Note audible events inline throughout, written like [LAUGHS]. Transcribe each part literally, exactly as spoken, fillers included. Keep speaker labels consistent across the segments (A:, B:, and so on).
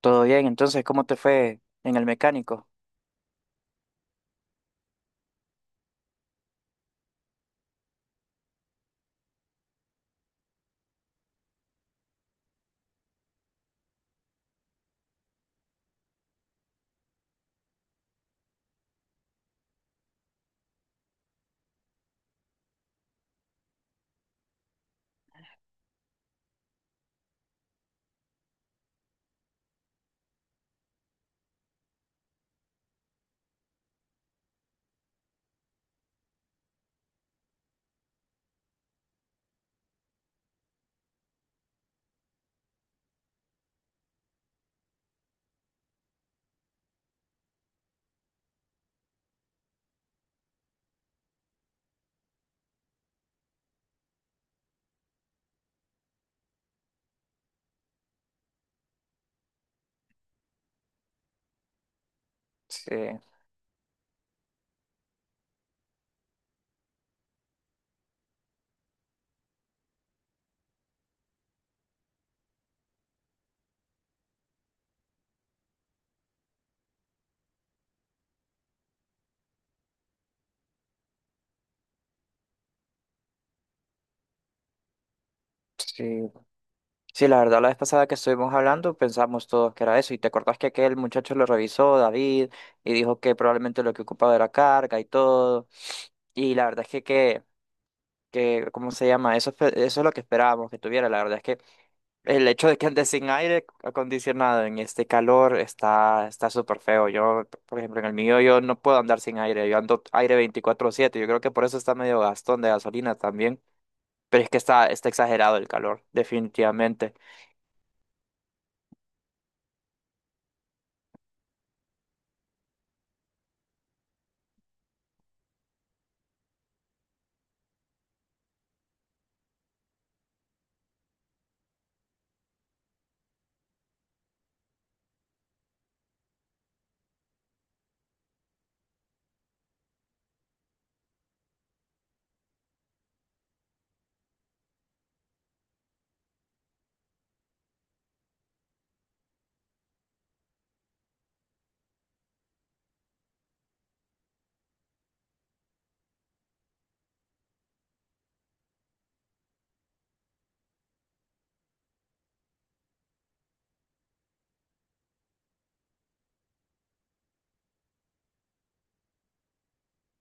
A: Todo bien, entonces, ¿cómo te fue en el mecánico? Sí, sí, sí, la verdad, la vez pasada que estuvimos hablando pensamos todos que era eso, y te acordás que aquel muchacho lo revisó, David, y dijo que probablemente lo que ocupaba era carga y todo, y la verdad es que, que, que ¿cómo se llama? Eso, espe- eso es lo que esperábamos que tuviera. La verdad es que el hecho de que andes sin aire acondicionado en este calor está está súper feo. Yo, por ejemplo, en el mío yo no puedo andar sin aire. Yo ando aire veinticuatro siete. Yo creo que por eso está medio gastón de gasolina también. Pero es que está, está exagerado el calor, definitivamente.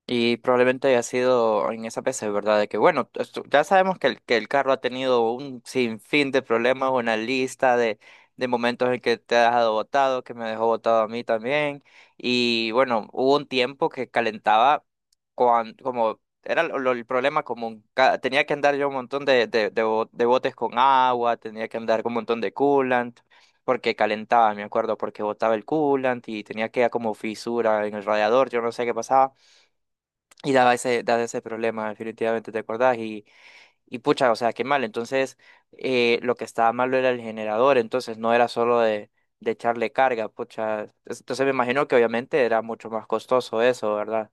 A: Y probablemente haya sido en esa P C, ¿verdad? De que, bueno, esto- ya sabemos que el, que el carro ha tenido un sinfín de problemas, una lista de, de momentos en que te ha dejado botado, que me dejó botado a mí también. Y bueno, hubo un tiempo que calentaba cuan- como era lo- lo- el problema común. Ca- Tenía que andar yo un montón de, de, de, bo- de botes con agua, tenía que andar con un montón de coolant, porque calentaba, me acuerdo, porque botaba el coolant y tenía que como fisura en el radiador, yo no sé qué pasaba. Y daba ese, daba ese problema, definitivamente, ¿te acordás? Y, y pucha, o sea, qué mal. Entonces, eh, lo que estaba malo era el generador, entonces no era solo de, de echarle carga, pucha. Es- Entonces me imagino que obviamente era mucho más costoso eso, ¿verdad?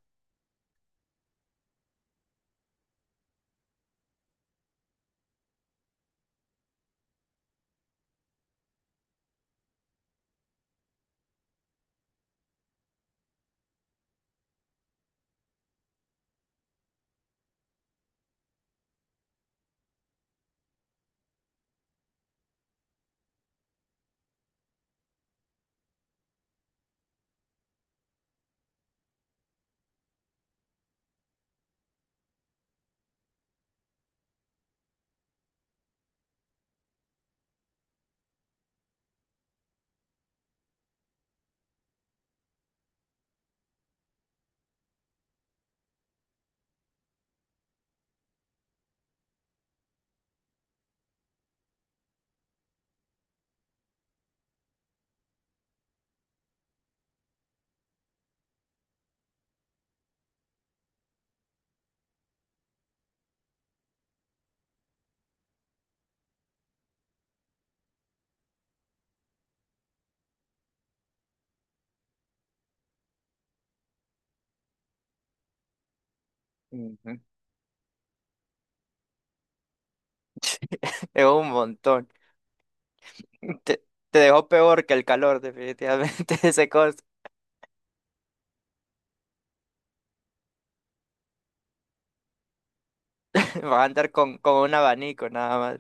A: Ujú. [LAUGHS] Es un montón. Te, te dejó peor que el calor, definitivamente, [LAUGHS] ese costo. Vas a andar con, con un abanico nada.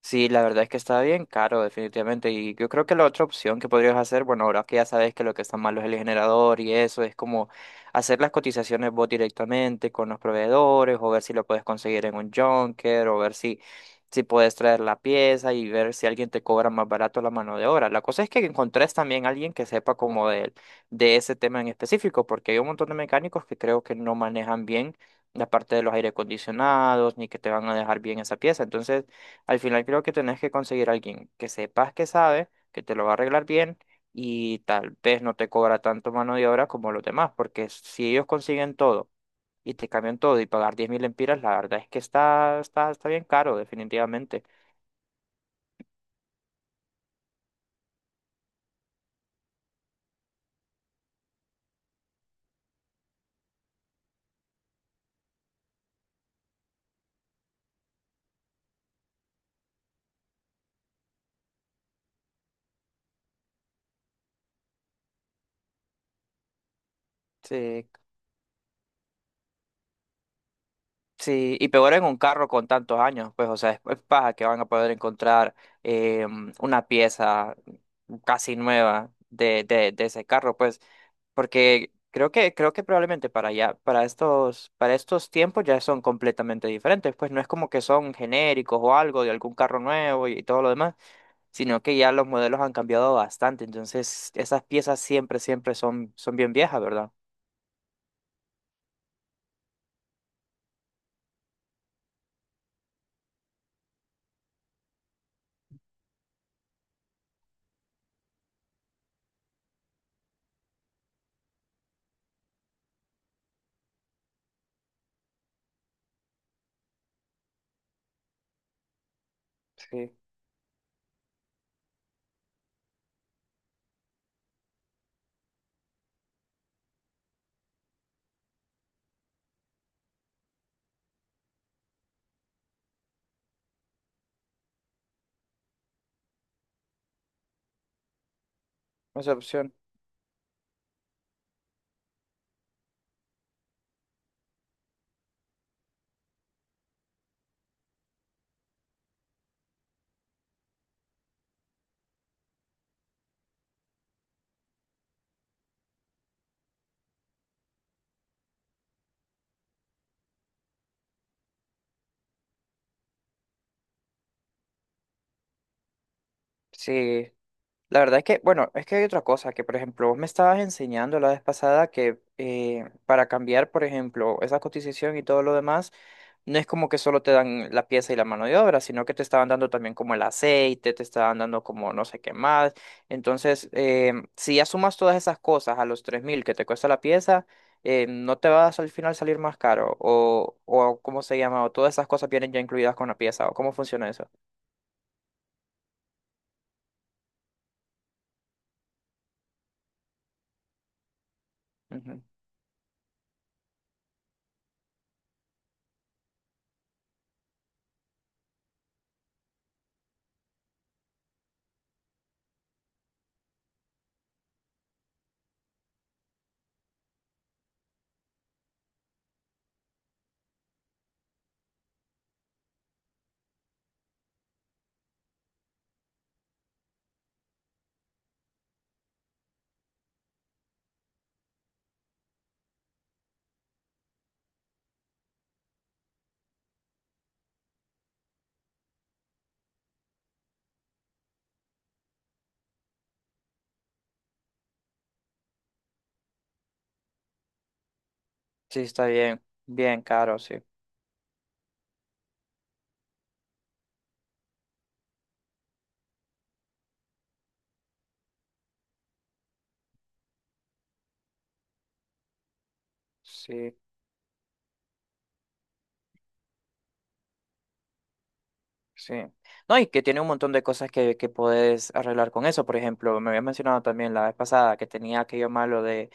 A: Sí, la verdad es que está bien caro, definitivamente. Y yo creo que la otra opción que podrías hacer, bueno, ahora que ya sabes que lo que está malo es el generador y eso, es como hacer las cotizaciones vos directamente con los proveedores o ver si lo puedes conseguir en un junker o ver si, si puedes traer la pieza y ver si alguien te cobra más barato la mano de obra. La cosa es que encontrés también a alguien que sepa como de, de ese tema en específico, porque hay un montón de mecánicos que creo que no manejan bien la parte de los aire acondicionados ni que te van a dejar bien esa pieza. Entonces... Al final creo que tenés que conseguir a alguien que sepas que sabe, que te lo va a arreglar bien y tal vez no te cobra tanto mano de obra como los demás, porque si ellos consiguen todo y te cambian todo y pagar diez mil lempiras, la verdad es que está, está, está bien caro, definitivamente. Sí. Sí, y peor en un carro con tantos años, pues, o sea, es es paja que van a poder encontrar eh, una pieza casi nueva de, de, de ese carro, pues, porque creo que, creo que probablemente para ya, para estos, para estos tiempos ya son completamente diferentes, pues no es como que son genéricos o algo de algún carro nuevo y y todo lo demás, sino que ya los modelos han cambiado bastante, entonces esas piezas siempre, siempre son, son bien viejas, ¿verdad? Sí, esa opción. Sí. La verdad es que, bueno, es que hay otra cosa que, por ejemplo, vos me estabas enseñando la vez pasada que eh, para cambiar, por ejemplo, esa cotización y todo lo demás, no es como que solo te dan la pieza y la mano de obra, sino que te estaban dando también como el aceite, te estaban dando como no sé qué más. Entonces, eh, si ya sumas todas esas cosas a los tres mil que te cuesta la pieza, eh, no te vas al final salir más caro o, o ¿cómo se llama? O todas esas cosas vienen ya incluidas con la pieza o cómo funciona eso. Ujú. Sí, está bien, bien caro, sí. Sí. Sí. No, y que tiene un montón de cosas que, que puedes arreglar con eso. Por ejemplo, me habías mencionado también la vez pasada que tenía aquello malo de,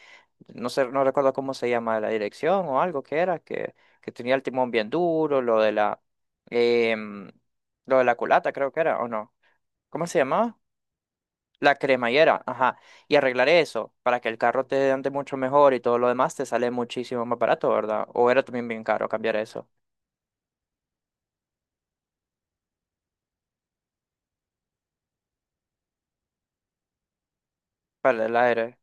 A: no sé, no recuerdo cómo se llama, la dirección o algo que era, que, que tenía el timón bien duro, lo de la, em, lo de la culata creo que era, ¿o no? ¿Cómo se llamaba? La cremallera, ajá. Y arreglar eso para que el carro te ande mucho mejor y todo lo demás te sale muchísimo más barato, ¿verdad? O era también bien caro cambiar eso para el aire.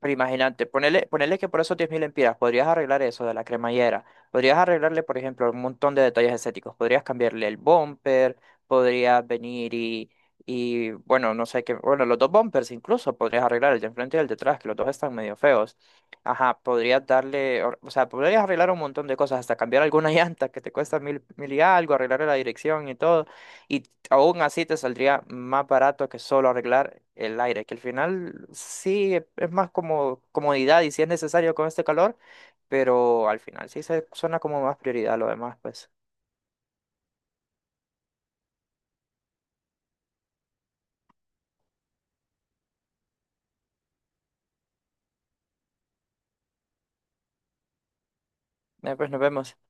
A: Pero imagínate, ponele, ponele que por esos diez mil empiras podrías arreglar eso de la cremallera, podrías arreglarle, por ejemplo, un montón de detalles estéticos, podrías cambiarle el bumper, podrías venir y, y bueno, no sé qué, bueno, los dos bumpers incluso podrías arreglar el de enfrente y el de atrás, que los dos están medio feos. Ajá, podrías darle, or- o sea, podrías arreglar un montón de cosas, hasta cambiar alguna [LAUGHS] llanta que te cuesta mil, mil y algo, arreglar la dirección y todo. Y aún así te saldría más barato que solo arreglar el aire, que al final sí e- es más como comodidad y si es necesario con este calor, pero al final sí se suena como más prioridad lo demás, pues. Eh, pues nos vemos.